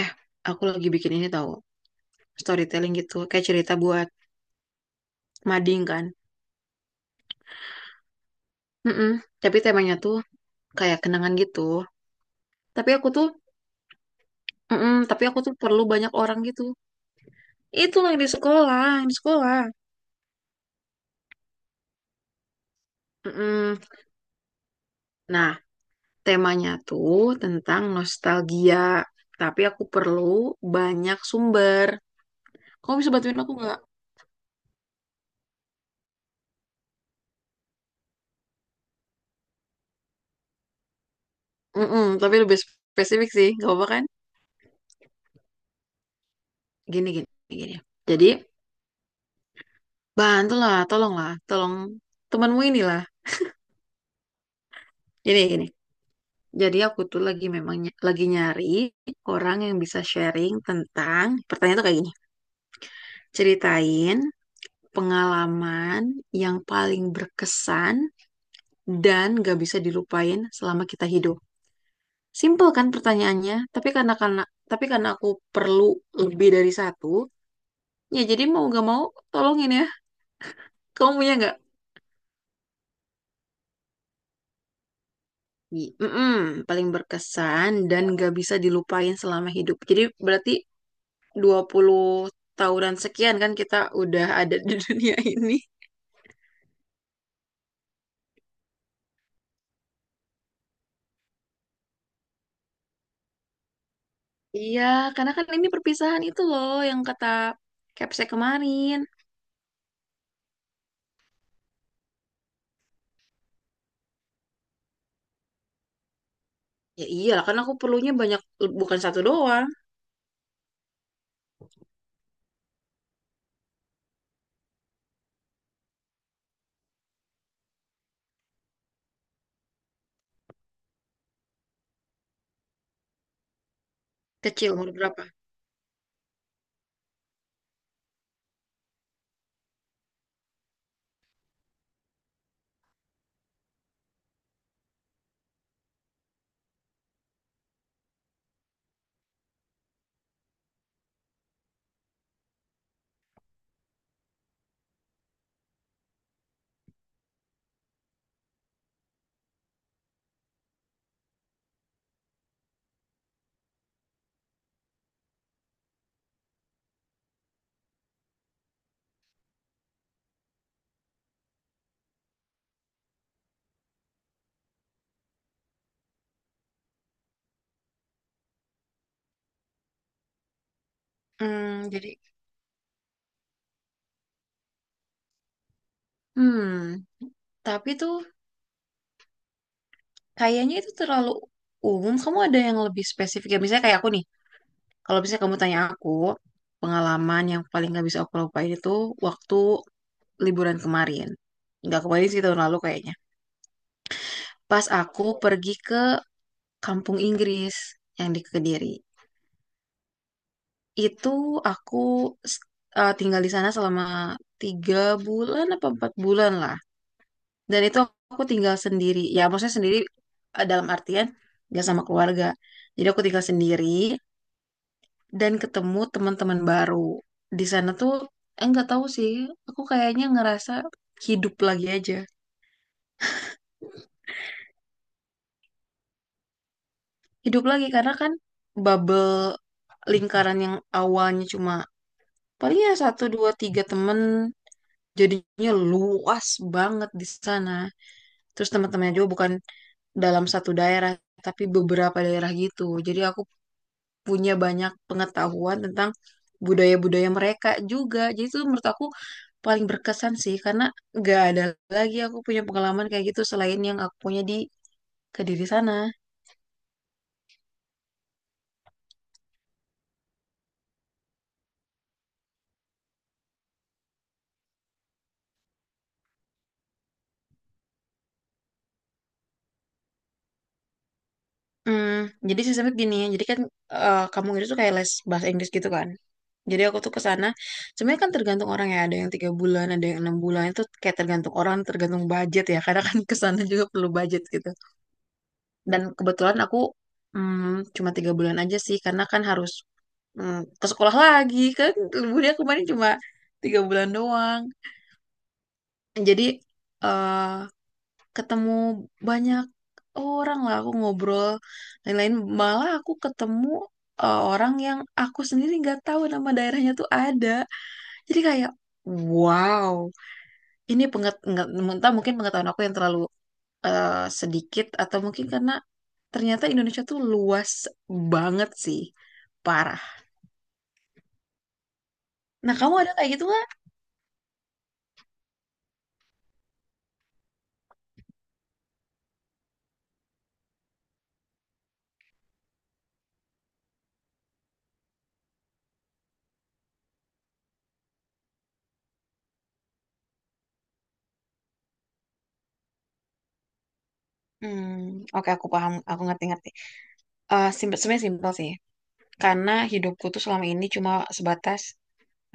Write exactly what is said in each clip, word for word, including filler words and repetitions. Eh, aku lagi bikin ini tahu storytelling gitu, kayak cerita buat mading kan. Mm-mm. Tapi temanya tuh kayak kenangan gitu. Tapi aku tuh, mm-mm, tapi aku tuh perlu banyak orang gitu. Itu yang di sekolah, yang di sekolah. Mm-mm. Nah, temanya tuh tentang nostalgia. Tapi aku perlu banyak sumber. Kamu bisa bantuin aku nggak? Mm-mm, tapi lebih spesifik sih, gak apa-apa kan? Gini, gini, gini. Jadi, bantulah, tolonglah, tolong temanmu inilah. Gini, gini. Jadi aku tuh lagi memang ny- lagi nyari orang yang bisa sharing tentang pertanyaan tuh kayak gini. Ceritain pengalaman yang paling berkesan dan gak bisa dilupain selama kita hidup. Simple kan pertanyaannya, tapi karena karena tapi karena aku perlu lebih dari satu, ya jadi mau gak mau tolongin ya. Kamu punya nggak? I- Mm-mm, paling berkesan dan gak bisa dilupain selama hidup. Jadi berarti dua puluh tahunan sekian kan kita udah ada di dunia ini. Iya, karena kan ini perpisahan itu loh yang kata Kepse kemarin. Ya iyalah, karena aku perlunya banyak, bukan satu doang. Kecil, umur berapa? Hmm, jadi, hmm, tapi tuh kayaknya itu terlalu umum. Kamu ada yang lebih spesifik? Ya, misalnya kayak aku nih, kalau misalnya kamu tanya aku, pengalaman yang paling gak bisa aku lupain itu waktu liburan kemarin. Nggak kemarin sih, tahun lalu kayaknya. Pas aku pergi ke Kampung Inggris yang di Kediri. Itu aku s- eh, tinggal di sana selama tiga bulan apa empat bulan lah. Dan itu aku tinggal sendiri. Ya maksudnya sendiri eh, dalam artian nggak sama keluarga. Jadi aku tinggal sendiri dan ketemu teman-teman baru. Di sana tuh eh, nggak tahu sih. Aku kayaknya ngerasa hidup lagi aja. Hidup lagi karena kan bubble lingkaran yang awalnya cuma paling ya satu dua tiga temen. Jadinya luas banget di sana. Terus teman-temannya juga bukan dalam satu daerah, tapi beberapa daerah gitu. Jadi aku punya banyak pengetahuan tentang budaya-budaya mereka juga. Jadi itu menurut aku paling berkesan sih, karena gak ada lagi aku punya pengalaman kayak gitu selain yang aku punya di Kediri sana. Hmm, jadi sistemnya gini ya, jadi kan eh, kamu itu kayak les bahasa Inggris gitu kan. Jadi aku tuh ke sana, sebenarnya kan tergantung orang ya, ada yang tiga bulan, ada yang enam bulan, itu kayak tergantung orang, tergantung budget ya, karena kan ke sana juga perlu budget gitu. Dan kebetulan aku mm, cuma tiga bulan aja sih, karena kan harus mm, ke sekolah lagi, kan liburnya kemarin cuma tiga bulan doang. Jadi eh ketemu banyak orang lah, aku ngobrol lain-lain, malah aku ketemu eh, orang yang aku sendiri nggak tahu nama daerahnya tuh ada. Jadi kayak wow, ini penget nggak entah mungkin pengetahuan aku yang terlalu eh, sedikit atau mungkin karena ternyata Indonesia tuh luas banget sih. Parah. Nah, kamu ada kayak gitu nggak? Hmm, oke aku paham, aku ngerti-ngerti. Eh simple, sebenarnya simpel sih. Karena hidupku tuh selama ini cuma sebatas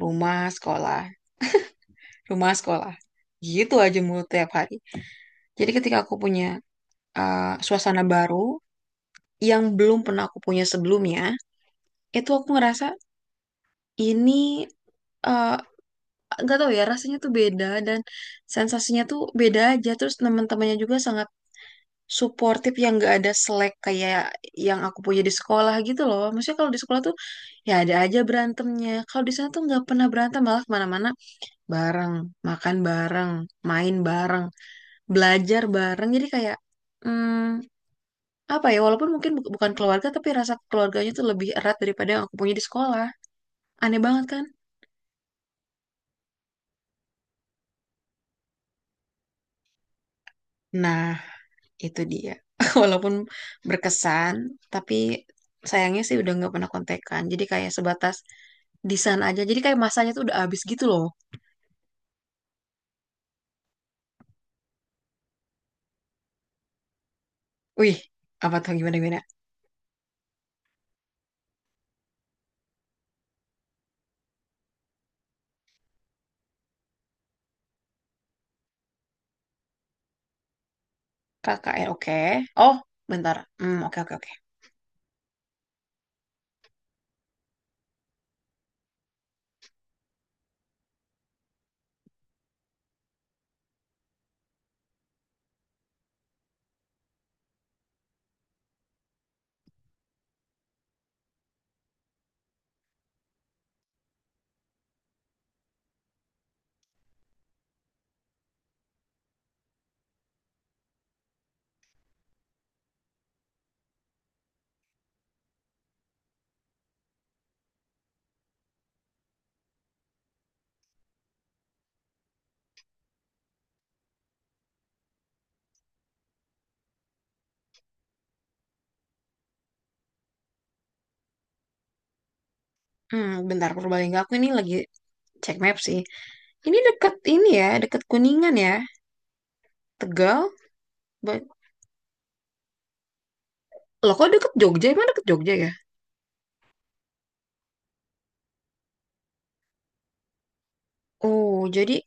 rumah, sekolah, rumah, sekolah. Gitu aja mulu tiap hari. Jadi ketika aku punya eh, suasana baru yang belum pernah aku punya sebelumnya, itu aku ngerasa ini eh nggak tahu ya rasanya tuh beda dan sensasinya tuh beda aja. Terus teman-temannya juga sangat suportif yang nggak ada selek kayak yang aku punya di sekolah gitu loh. Maksudnya kalau di sekolah tuh ya ada aja berantemnya, kalau di sana tuh nggak pernah berantem, malah kemana-mana bareng, makan bareng, main bareng, belajar bareng. Jadi kayak hmm, apa ya, walaupun mungkin bu- bukan keluarga, tapi rasa keluarganya tuh lebih erat daripada yang aku punya di sekolah. Aneh banget kan. Nah, itu dia. Walaupun berkesan, tapi sayangnya sih udah nggak pernah kontekan. Jadi kayak sebatas desain aja. Jadi kayak masanya tuh udah habis gitu loh. Wih, apa tuh gimana gimana? K K N oke. Oh, bentar. Hmm, oke oke oke. Hmm, bentar Purbalingga aku ini lagi cek map sih. Ini deket ini ya, deket Kuningan ya. Tegal. Ba- Loh kok deket Jogja? Emang deket Jogja ya? Oh, jadi.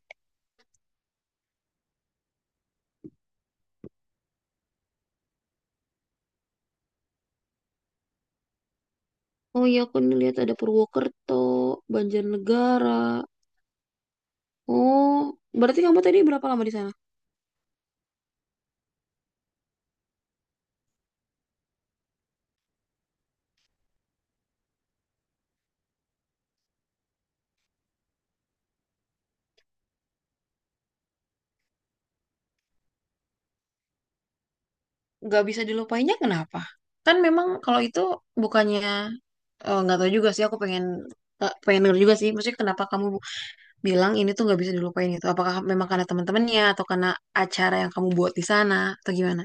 Oh iya aku nih lihat ada Purwokerto, Banjarnegara. Oh, berarti kamu tadi berapa lama di sana? Nggak bisa dilupainnya kenapa? Kan memang kalau itu bukannya eh, nggak tahu juga sih, aku pengen eh, pengen denger juga sih. Maksudnya kenapa kamu bilang ini tuh nggak bisa dilupain gitu? Apakah memang karena teman-temannya atau karena acara yang kamu buat di sana atau gimana?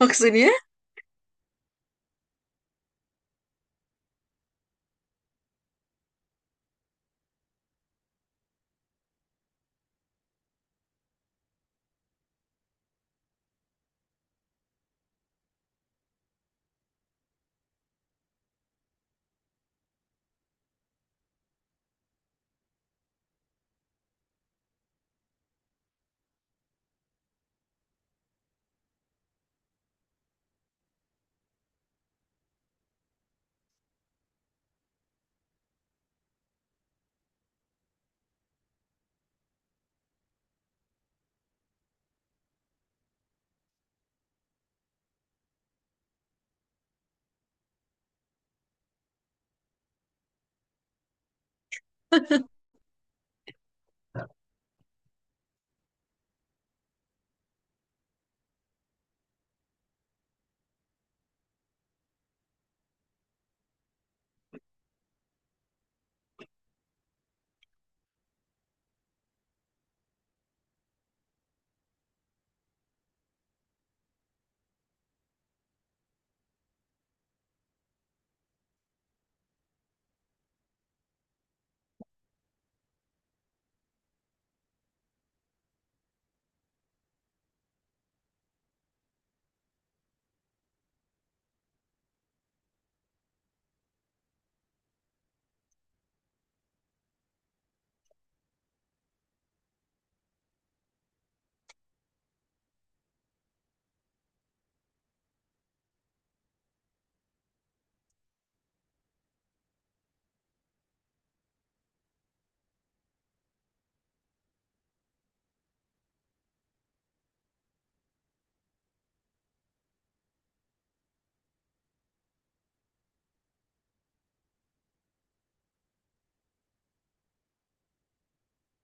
Maksudnya?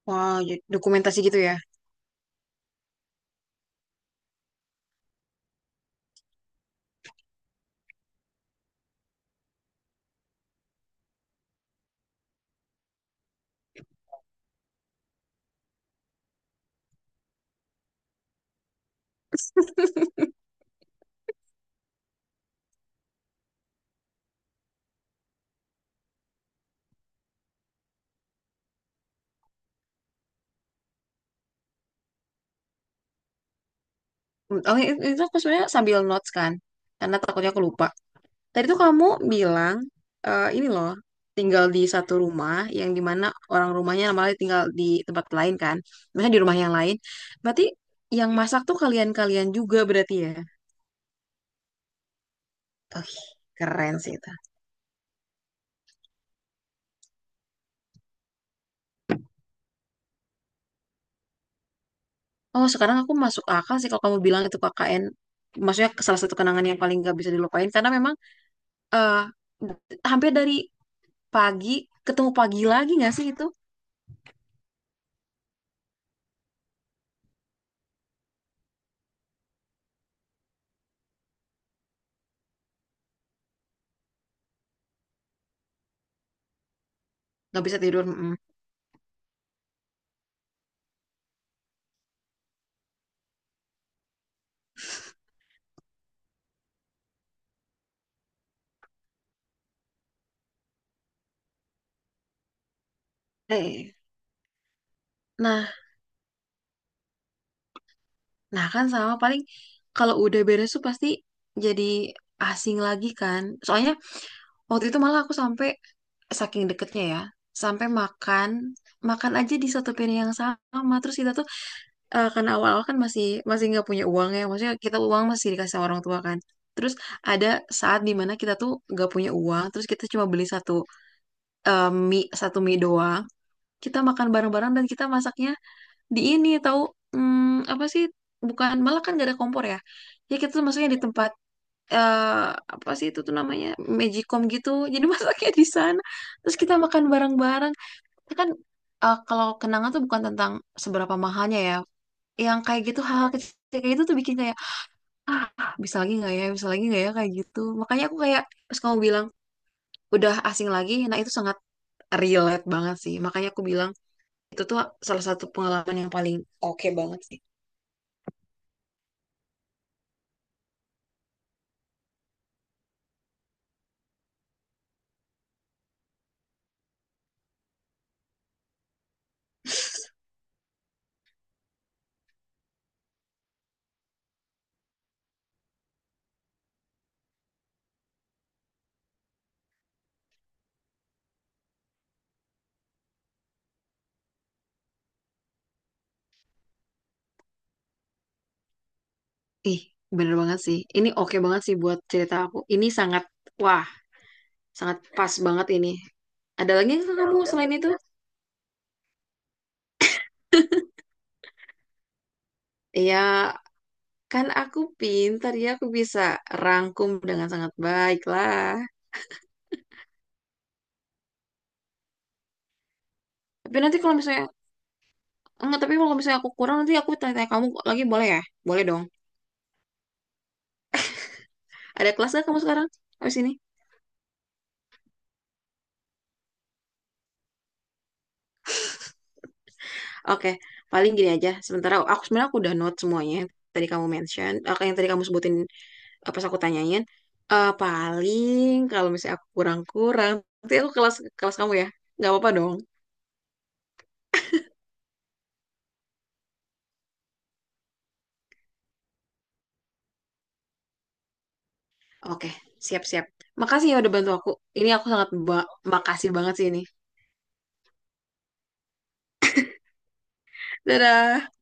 Wow, jadi dokumentasi gitu ya? Hmm, Oh, i- itu aku sebenarnya sambil notes kan, karena takutnya aku lupa. Tadi tuh kamu bilang eh, ini loh, tinggal di satu rumah yang dimana orang rumahnya malah tinggal di tempat lain kan, misalnya di rumah yang lain. Berarti yang masak tuh kalian-kalian juga berarti ya? Oh, keren sih itu. Oh sekarang aku masuk akal sih kalau kamu bilang itu K K N. Maksudnya salah satu kenangan yang paling gak bisa dilupain, karena memang eh, hampir dari pagi ketemu pagi lagi nggak sih itu? Nggak bisa tidur. Mm-mm. Eh, nah. Nah kan sama, paling kalau udah beres tuh pasti jadi asing lagi kan. Soalnya waktu itu malah aku sampai saking deketnya ya, sampai makan makan aja di satu piring yang sama. Terus kita tuh eh, karena awal-awal kan masih masih nggak punya uang ya, maksudnya kita uang masih dikasih sama orang tua kan. Terus ada saat dimana kita tuh nggak punya uang, terus kita cuma beli satu eh, mie satu mie doang. Kita makan bareng-bareng dan kita masaknya di ini tahu hmm, apa sih, bukan, malah kan gak ada kompor ya. Ya kita tuh masuknya di tempat eh, apa sih itu tuh namanya magicom gitu, jadi masaknya di sana terus kita makan bareng-bareng. Kita kan eh, kalau kenangan tuh bukan tentang seberapa mahalnya ya, yang kayak gitu hal-hal kecil kayak gitu tuh bikin kayak, "Ah, bisa lagi nggak ya, bisa lagi nggak ya," kayak gitu. Makanya aku kayak pas kamu bilang udah asing lagi, nah itu sangat relate banget sih, makanya aku bilang itu tuh salah satu pengalaman yang paling oke banget sih. Ih, bener banget sih. Ini oke banget sih buat cerita aku. Ini sangat, wah, sangat pas banget ini. Ada lagi nggak kamu selain itu? Iya, kan aku pintar ya, aku bisa rangkum dengan sangat baik lah. Tapi nanti kalau misalnya, enggak, tapi kalau misalnya aku kurang, nanti aku tanya-tanya kamu lagi boleh ya? Boleh dong. Ada kelas nggak kamu sekarang? Habis ini? Oke, paling gini aja. Sementara aku sebenarnya aku udah note semuanya. Tadi kamu mention, eh, yang tadi kamu sebutin. Eh, pas aku tanyain eh paling kalau misalnya aku kurang-kurang, nanti aku kelas kelas kamu ya, nggak apa-apa dong. Oke, siap-siap. Makasih ya udah bantu aku ini, aku sangat ba- makasih banget sih ini. Dadah.